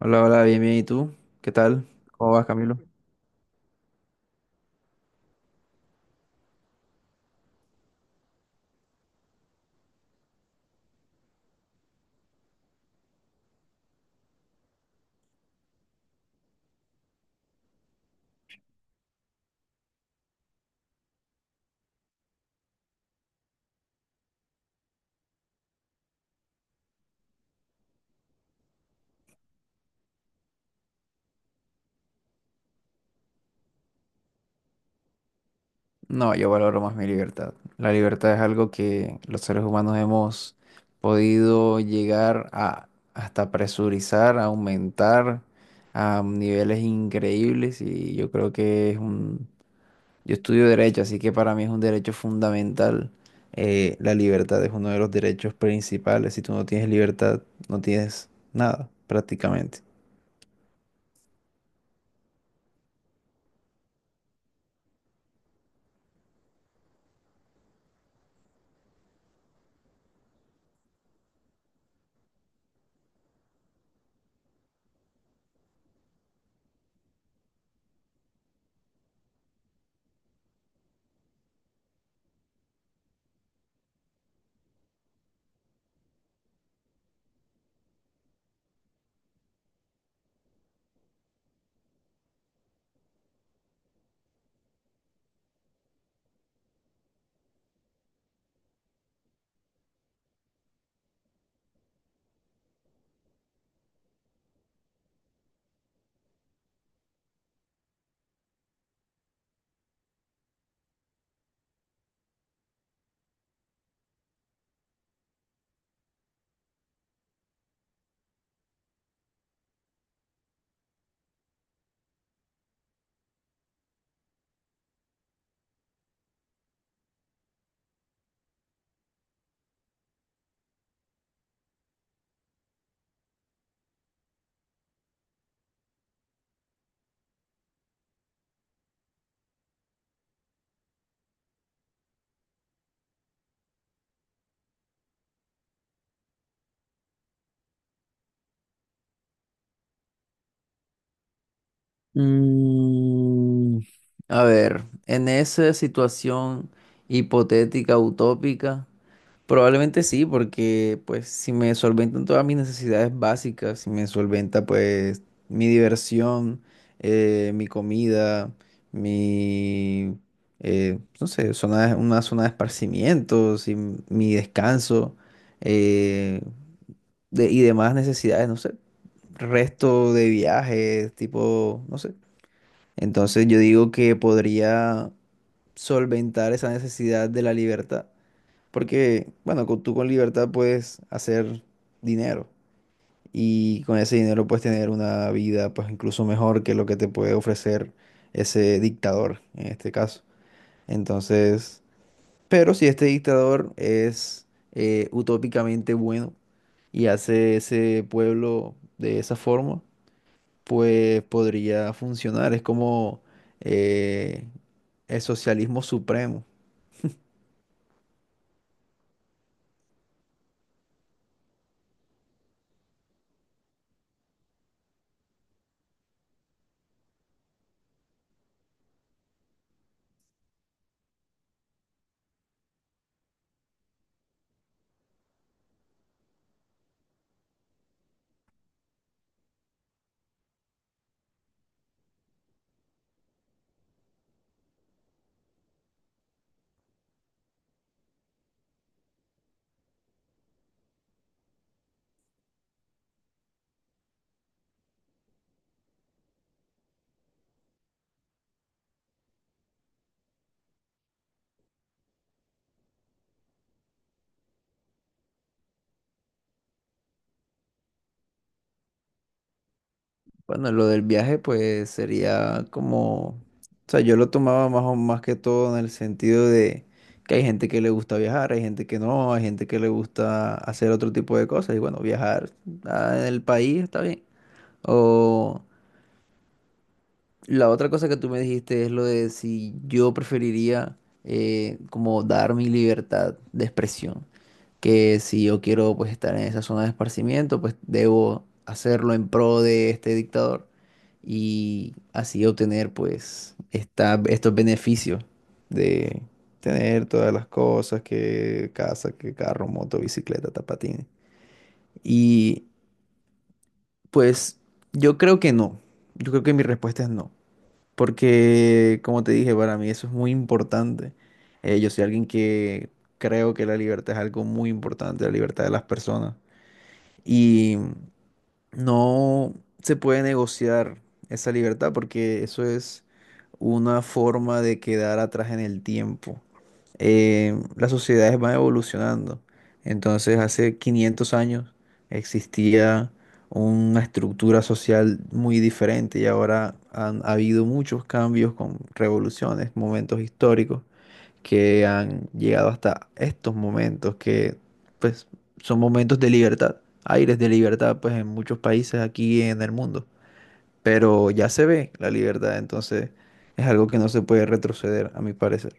Hola, hola, bien, bien. ¿Y tú? ¿Qué tal? ¿Cómo vas, Camilo? No, yo valoro más mi libertad. La libertad es algo que los seres humanos hemos podido llegar a hasta presurizar, a aumentar a niveles increíbles y yo creo que es un... Yo estudio derecho, así que para mí es un derecho fundamental. La libertad es uno de los derechos principales. Si tú no tienes libertad, no tienes nada, prácticamente. Mm, a ver, en esa situación hipotética, utópica, probablemente sí, porque pues si me solventan todas mis necesidades básicas, si me solventa pues mi diversión, mi comida, mi, no sé, una zona de esparcimiento, si mi descanso eh, y demás necesidades, no sé, resto de viajes, tipo, no sé. Entonces yo digo que podría solventar esa necesidad de la libertad, porque, bueno, tú con libertad puedes hacer dinero y con ese dinero puedes tener una vida pues incluso mejor que lo que te puede ofrecer ese dictador en este caso. Entonces, pero si este dictador es utópicamente bueno y hace ese pueblo de esa forma, pues podría funcionar. Es como eh, el socialismo supremo. Bueno, lo del viaje, pues sería como, o sea, yo lo tomaba más o más que todo en el sentido de que hay gente que le gusta viajar, hay gente que no, hay gente que le gusta hacer otro tipo de cosas. Y bueno, viajar ah, en el país está bien. O la otra cosa que tú me dijiste es lo de si yo preferiría como dar mi libertad de expresión. Que si yo quiero pues estar en esa zona de esparcimiento, pues debo hacerlo en pro de este dictador y así obtener pues estos beneficios de tener todas las cosas, que casa, que carro, moto, bicicleta, tapatín. Y pues yo creo que no, yo creo que mi respuesta es no, porque como te dije, para mí eso es muy importante. Yo soy alguien que creo que la libertad es algo muy importante, la libertad de las personas. Y no se puede negociar esa libertad porque eso es una forma de quedar atrás en el tiempo. Las sociedades van evolucionando. Entonces, hace 500 años existía una estructura social muy diferente y ahora han habido muchos cambios con revoluciones, momentos históricos que han llegado hasta estos momentos, que pues son momentos de libertad, aires de libertad pues en muchos países aquí en el mundo, pero ya se ve la libertad, entonces es algo que no se puede retroceder a mi parecer.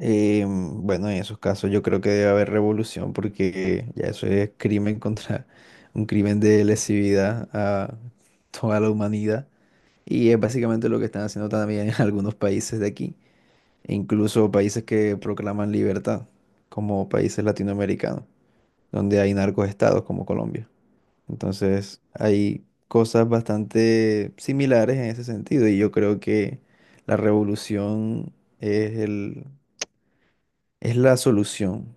Bueno, en esos casos yo creo que debe haber revolución porque ya eso es crimen contra un crimen de lesividad a toda la humanidad y es básicamente lo que están haciendo también en algunos países de aquí. E incluso países que proclaman libertad, como países latinoamericanos, donde hay narcoestados como Colombia. Entonces, hay cosas bastante similares en ese sentido y yo creo que la revolución es es la solución.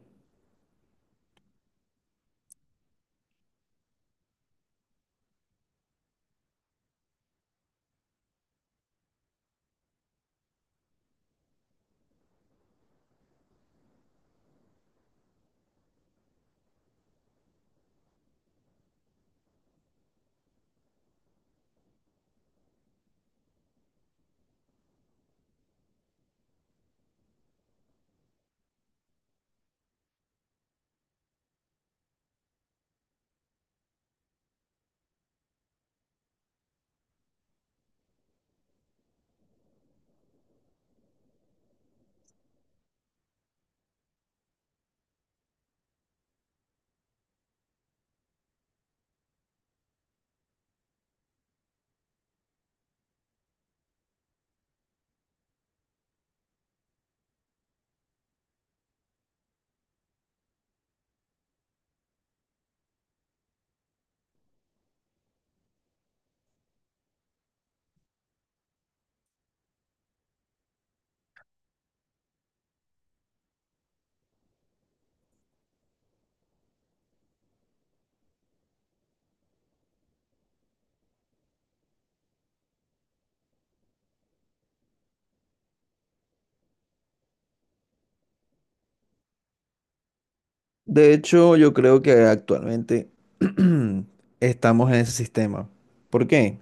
De hecho, yo creo que actualmente estamos en ese sistema. ¿Por qué?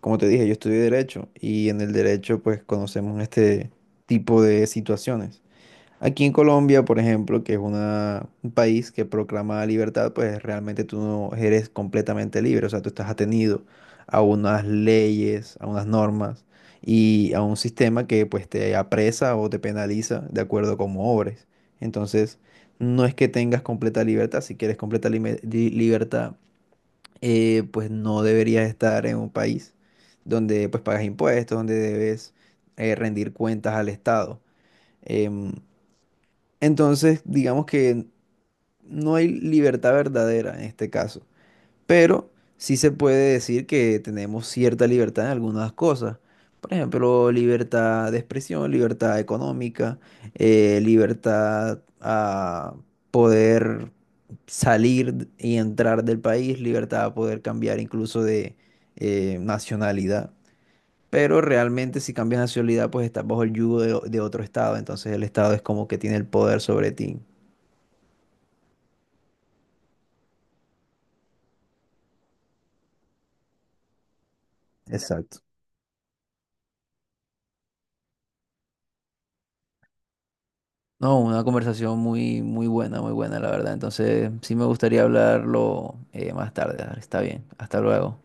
Como te dije, yo estudié derecho y en el derecho pues conocemos este tipo de situaciones. Aquí en Colombia, por ejemplo, que es un país que proclama la libertad, pues realmente tú no eres completamente libre, o sea, tú estás atenido a unas leyes, a unas normas y a un sistema que pues te apresa o te penaliza de acuerdo a cómo obres. Entonces, no es que tengas completa libertad, si quieres completa libertad, pues no deberías estar en un país donde pues pagas impuestos, donde debes rendir cuentas al Estado. Em, entonces, digamos que no hay libertad verdadera en este caso, pero sí se puede decir que tenemos cierta libertad en algunas cosas. Por ejemplo, libertad de expresión, libertad económica, libertad a poder salir y entrar del país, libertad a poder cambiar incluso de nacionalidad. Pero realmente si cambias nacionalidad, pues estás bajo el yugo de otro estado, entonces el estado es como que tiene el poder sobre ti. Exacto. No, una conversación muy, muy buena, la verdad. Entonces, sí me gustaría hablarlo más tarde. Está bien. Hasta luego.